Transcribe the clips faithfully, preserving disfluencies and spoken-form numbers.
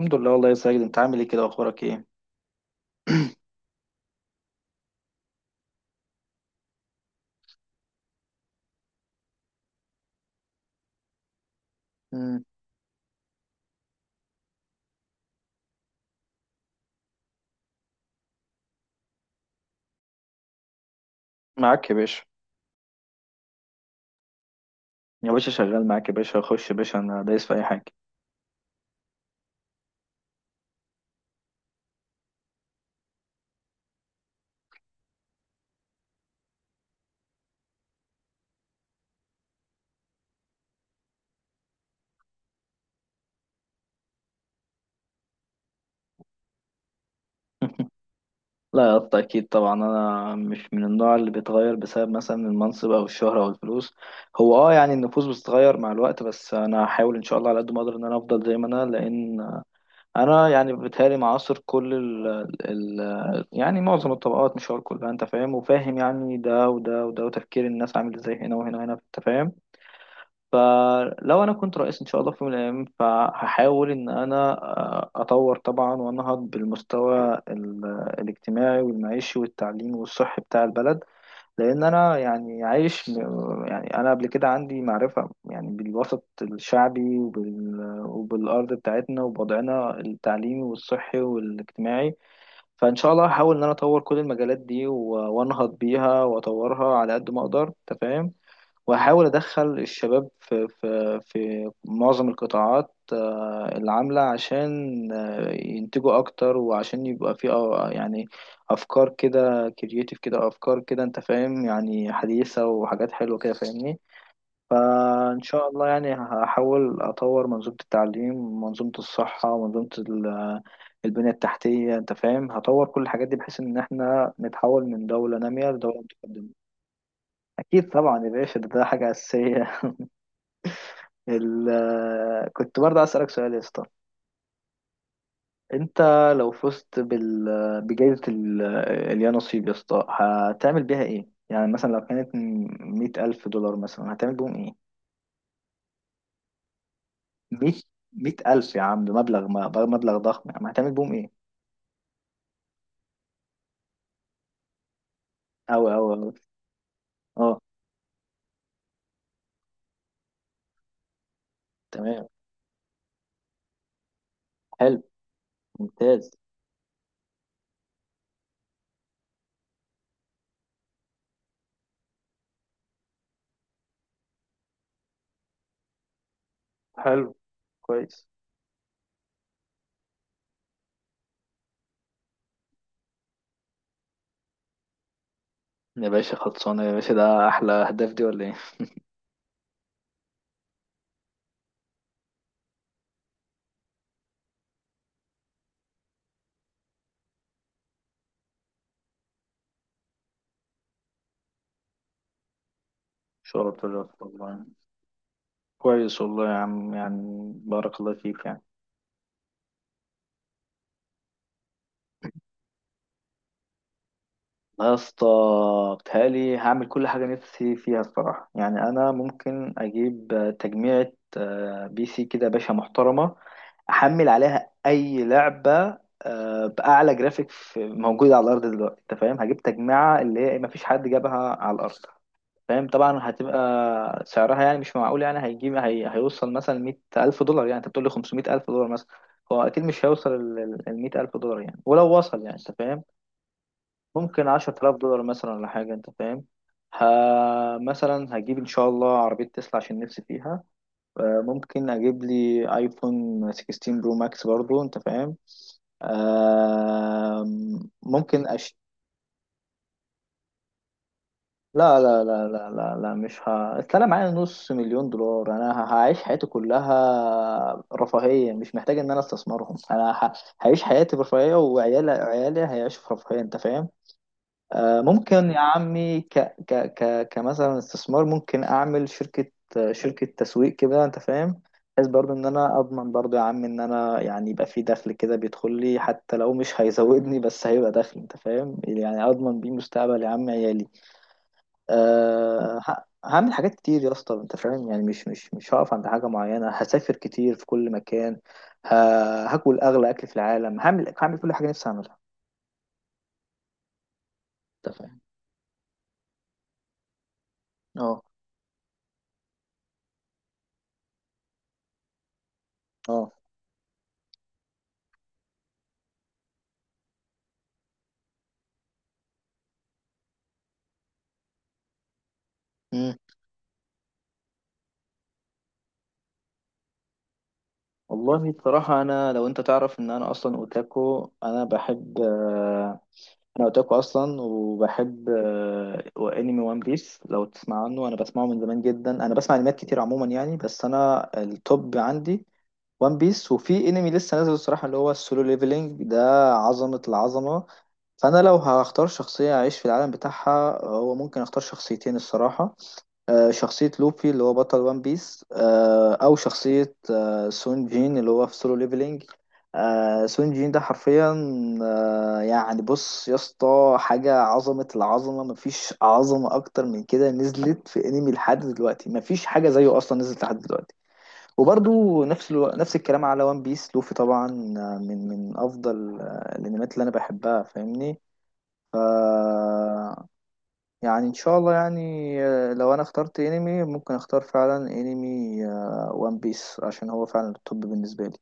الحمد لله والله يا سيد، انت عامل ايه كده واخبارك ايه؟ مم. معاك يا باشا. يا باشا شغال معاك، يا باشا خش يا باشا، انا دايس في اي حاجه. لا يا اسطى، اكيد طبعا انا مش من النوع اللي بيتغير بسبب مثلا المنصب او الشهره او الفلوس. هو اه يعني النفوس بتتغير مع الوقت، بس انا هحاول ان شاء الله على قد ما اقدر ان انا افضل زي ما انا، لان انا يعني بيتهيألي معاصر كل ال ال يعني معظم الطبقات، مش هقول كلها، انت فاهم، وفاهم يعني ده وده وده، وتفكير الناس عامل ازاي هنا وهنا وهنا، انت فاهم. فلو انا كنت رئيس ان شاء الله في يوم من الايام، فهحاول ان انا آه، اطور طبعا وانهض بالمستوى ال- الاجتماعي والمعيشي والتعليمي والصحي بتاع البلد. لان انا يعني عايش م- يعني انا قبل كده عندي معرفة يعني بالوسط الشعبي وبال وبالارض بتاعتنا وبوضعنا التعليمي والصحي والاجتماعي. فان شاء الله هحاول ان انا اطور كل المجالات دي و- وانهض بيها واطورها على قد ما اقدر، تفهم. واحاول ادخل الشباب في في في معظم القطاعات آه، اللي عامله، عشان آه، ينتجوا اكتر، وعشان يبقى في آه، يعني افكار كده كرييتيف كده، افكار كده انت فاهم، يعني حديثه وحاجات حلوه كده، فاهمني. فان شاء الله يعني هحاول اطور منظومه التعليم، منظومه الصحه، ومنظومه ال- البنيه التحتيه، انت فاهم. هطور كل الحاجات دي بحيث ان احنا نتحول من دوله ناميه لدوله متقدمه. اكيد طبعا يا باشا، ده ده حاجه اساسيه. ال... كنت برضه عايز اسالك سؤال يا اسطى. انت لو فزت بال... بجائزه ال... اليا نصيب يا اسطى، هتعمل بيها ايه؟ يعني مثلا لو كانت مية ألف دولار مثلا، هتعمل بيهم ايه؟ مية، مية ألف يا عم، ده مبلغ ما- مبلغ ضخم يا عم، هتعمل بيهم ايه؟ أو أو أو اه. تمام. حلو. ممتاز. حلو. كويس. يا باشا خلصانة، يا باشا ده أحلى أهداف، دي ولا إيه؟ شرف الرب والله. كويس والله يا عم، يعني بارك الله فيك. لا يا اسطى، بتهيألي هعمل كل حاجة نفسي فيها الصراحة. يعني أنا ممكن أجيب آه، تجميعة آه، بي سي كده يا باشا محترمة، أحمل عليها أي لعبة آه، بأعلى جرافيك في- موجودة على الأرض دلوقتي، أنت فاهم. هجيب تجميعة اللي هي إيه، مفيش حد جابها على الأرض، فاهم. طبعا هتبقى سعرها يعني مش معقول، يعني هيجيب هي... هيوصل مثلا مية ألف دولار، يعني أنت بتقول لي خمسمية ألف دولار مثلا. هو أكيد مش هيوصل ال ال- المية ألف دولار، يعني ولو وصل يعني أنت فاهم. ممكن عشرة آلاف دولار مثلا ولا حاجة، أنت فاهم. ه... مثلا هجيب إن شاء الله عربية تسلا عشان نفسي فيها. آه، ممكن أجيب لي آيفون ستة عشر برو ماكس برضو، أنت فاهم. آه، ممكن أش. لا لا لا لا لا لا، مش ه... أصل أنا معايا نص مليون دولار، أنا ه- هعيش حياتي كلها رفاهية، مش محتاج إن أنا أستثمرهم. أنا ه... هعيش حياتي برفاهية، وعيالي عيالي هيعيشوا في رفاهية، أنت فاهم. آه، ممكن يا عمي ك ك ك كمثلا استثمار، ممكن اعمل شركة آه، شركة تسويق كده، انت فاهم. بحيث برضو ان انا اضمن برضو يا عم، ان انا يعني يبقى في دخل كده بيدخل لي، حتى لو مش هيزودني، بس هيبقى دخل، انت فاهم، يعني اضمن بيه مستقبل يا عم عيالي. أه ه- هعمل حاجات كتير يا اسطى، انت فاهم، يعني مش مش مش هقف عند حاجة معينة. هسافر كتير في كل مكان، ه- هاكل اغلى اكل في العالم، هعمل هعمل كل حاجة نفسي اعملها. انت فاهم. اه. اه. والله بصراحة أنا، لو أنت تعرف إن أنا أصلا أوتاكو، أنا بحب آه، أنا أوتاكو أصلا، وبحب آه، أنمي. وان بيس لو تسمع عنه، أنا بسمعه من زمان جدا، أنا بسمع أنميات كتير عموما يعني، بس أنا التوب عندي وان بيس، وفي أنمي لسه نازل الصراحة اللي هو السولو ليفلينج ده، عظمة العظمة. فأنا لو هختار شخصية أعيش في العالم بتاعها، هو ممكن أختار شخصيتين الصراحة. آه، شخصية لوفي اللي هو بطل وان بيس، آه، أو شخصية آه، سون جين اللي هو في سولو ليفلينج. آه، سون جين ده حرفيا آه، يعني، بص يا اسطى، حاجة عظمة العظمة، مفيش عظمة أكتر من كده نزلت في أنمي لحد دلوقتي، مفيش حاجة زيه أصلا نزلت لحد دلوقتي. وبرضو نفس الو... نفس الكلام على وان بيس لوفي طبعا. آه، من من أفضل آه، الأنميات اللي أنا بحبها، فاهمني. يعني ان شاء الله يعني آه، لو انا اخترت انمي، ممكن اختار فعلا انمي وان بيس، عشان هو فعلا التوب بالنسبه لي.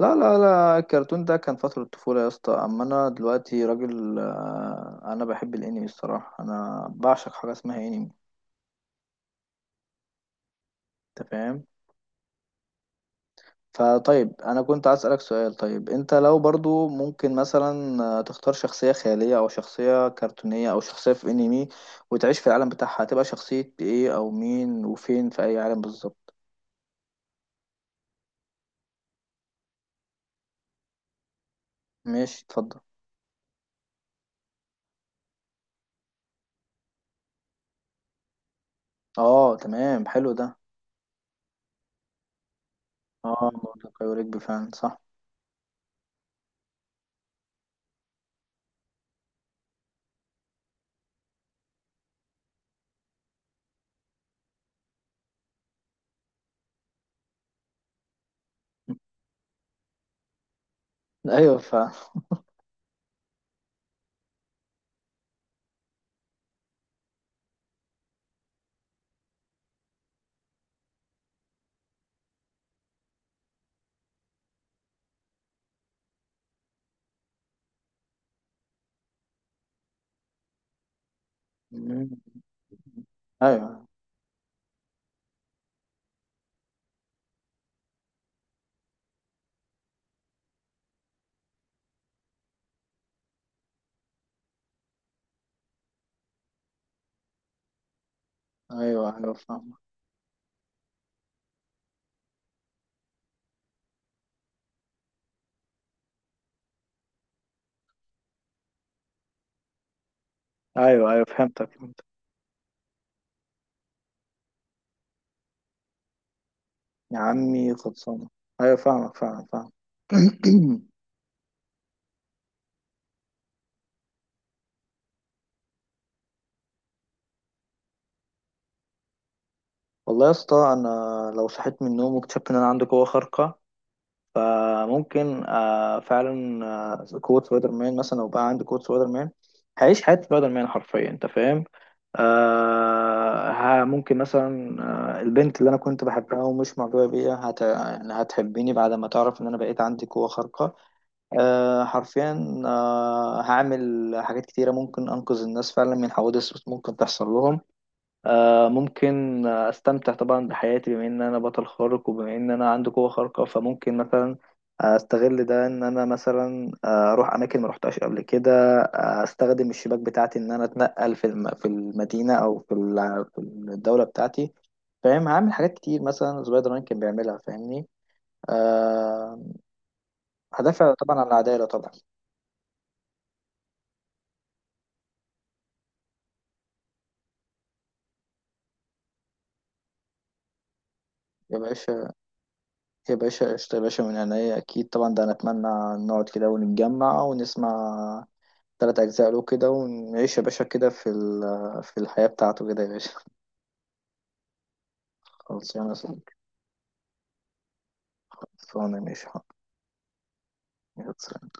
لا لا لا، الكرتون ده كان فتره الطفوله يا اسطى، اما انا دلوقتي راجل آه، انا بحب الانمي الصراحه، انا بعشق حاجه اسمها انمي، انت فاهم. فطيب انا كنت عايز اسالك سؤال. طيب انت لو برضو ممكن مثلا آه، تختار شخصيه خياليه او شخصيه كرتونيه او شخصيه في انمي وتعيش في العالم بتاعها، هتبقى شخصيه ايه او مين، وفين في اي عالم بالظبط؟ ماشي، اتفضل. اه تمام، حلو ده. اه منطقي، ورجبي فعلا صح. ايوه فعلا. مم. ايوه، ايوه، ايوه فاهمك. ايوه، ايوه، فهمتك فهمتك. يا عمي خلصانه. ايوه فاهمك، فعلا فاهم. والله يا اسطى انا لو صحيت من النوم واكتشفت ان انا عندي قوه خارقه، فممكن آه، فعلا آه، قوة سبايدر مان مثلا. لو بقى عندي قوة سبايدر مان، هعيش حياة سبايدر مان حرفيا، انت فاهم. آه ها ممكن مثلا آه البنت اللي انا كنت بحبها ومش معجبه بيها هت... يعني هتحبني بعد ما تعرف ان انا بقيت عندي قوه خارقه. آه حرفيا، آه هعمل حاجات كتيره، ممكن انقذ الناس فعلا من حوادث ممكن تحصل لهم. آه، ممكن آه، استمتع طبعا بحياتي، بما ان انا بطل خارق، وبما ان انا عندي قوة خارقة، فممكن مثلا استغل ده، ان انا مثلا آه، اروح اماكن ما روحتهاش قبل كده. آه، استخدم الشباك بتاعتي ان انا اتنقل في الم- في المدينة او في ال- في الدولة بتاعتي، فاهم. هعمل حاجات كتير مثلا سبايدر مان كان بيعملها، فاهمني. أه هدافع طبعا عن العدالة طبعا. يا باشا، يا باشا قشطة يا باشا، من عينيا أكيد طبعا. ده أنا أتمنى نقعد كده ونتجمع ونسمع تلات أجزاء له كده، ونعيش يا باشا كده في ال- في الحياة بتاعته كده يا باشا. خلصانة يا صديقي. خلصانة ماشي حاضر. يلا، سلام.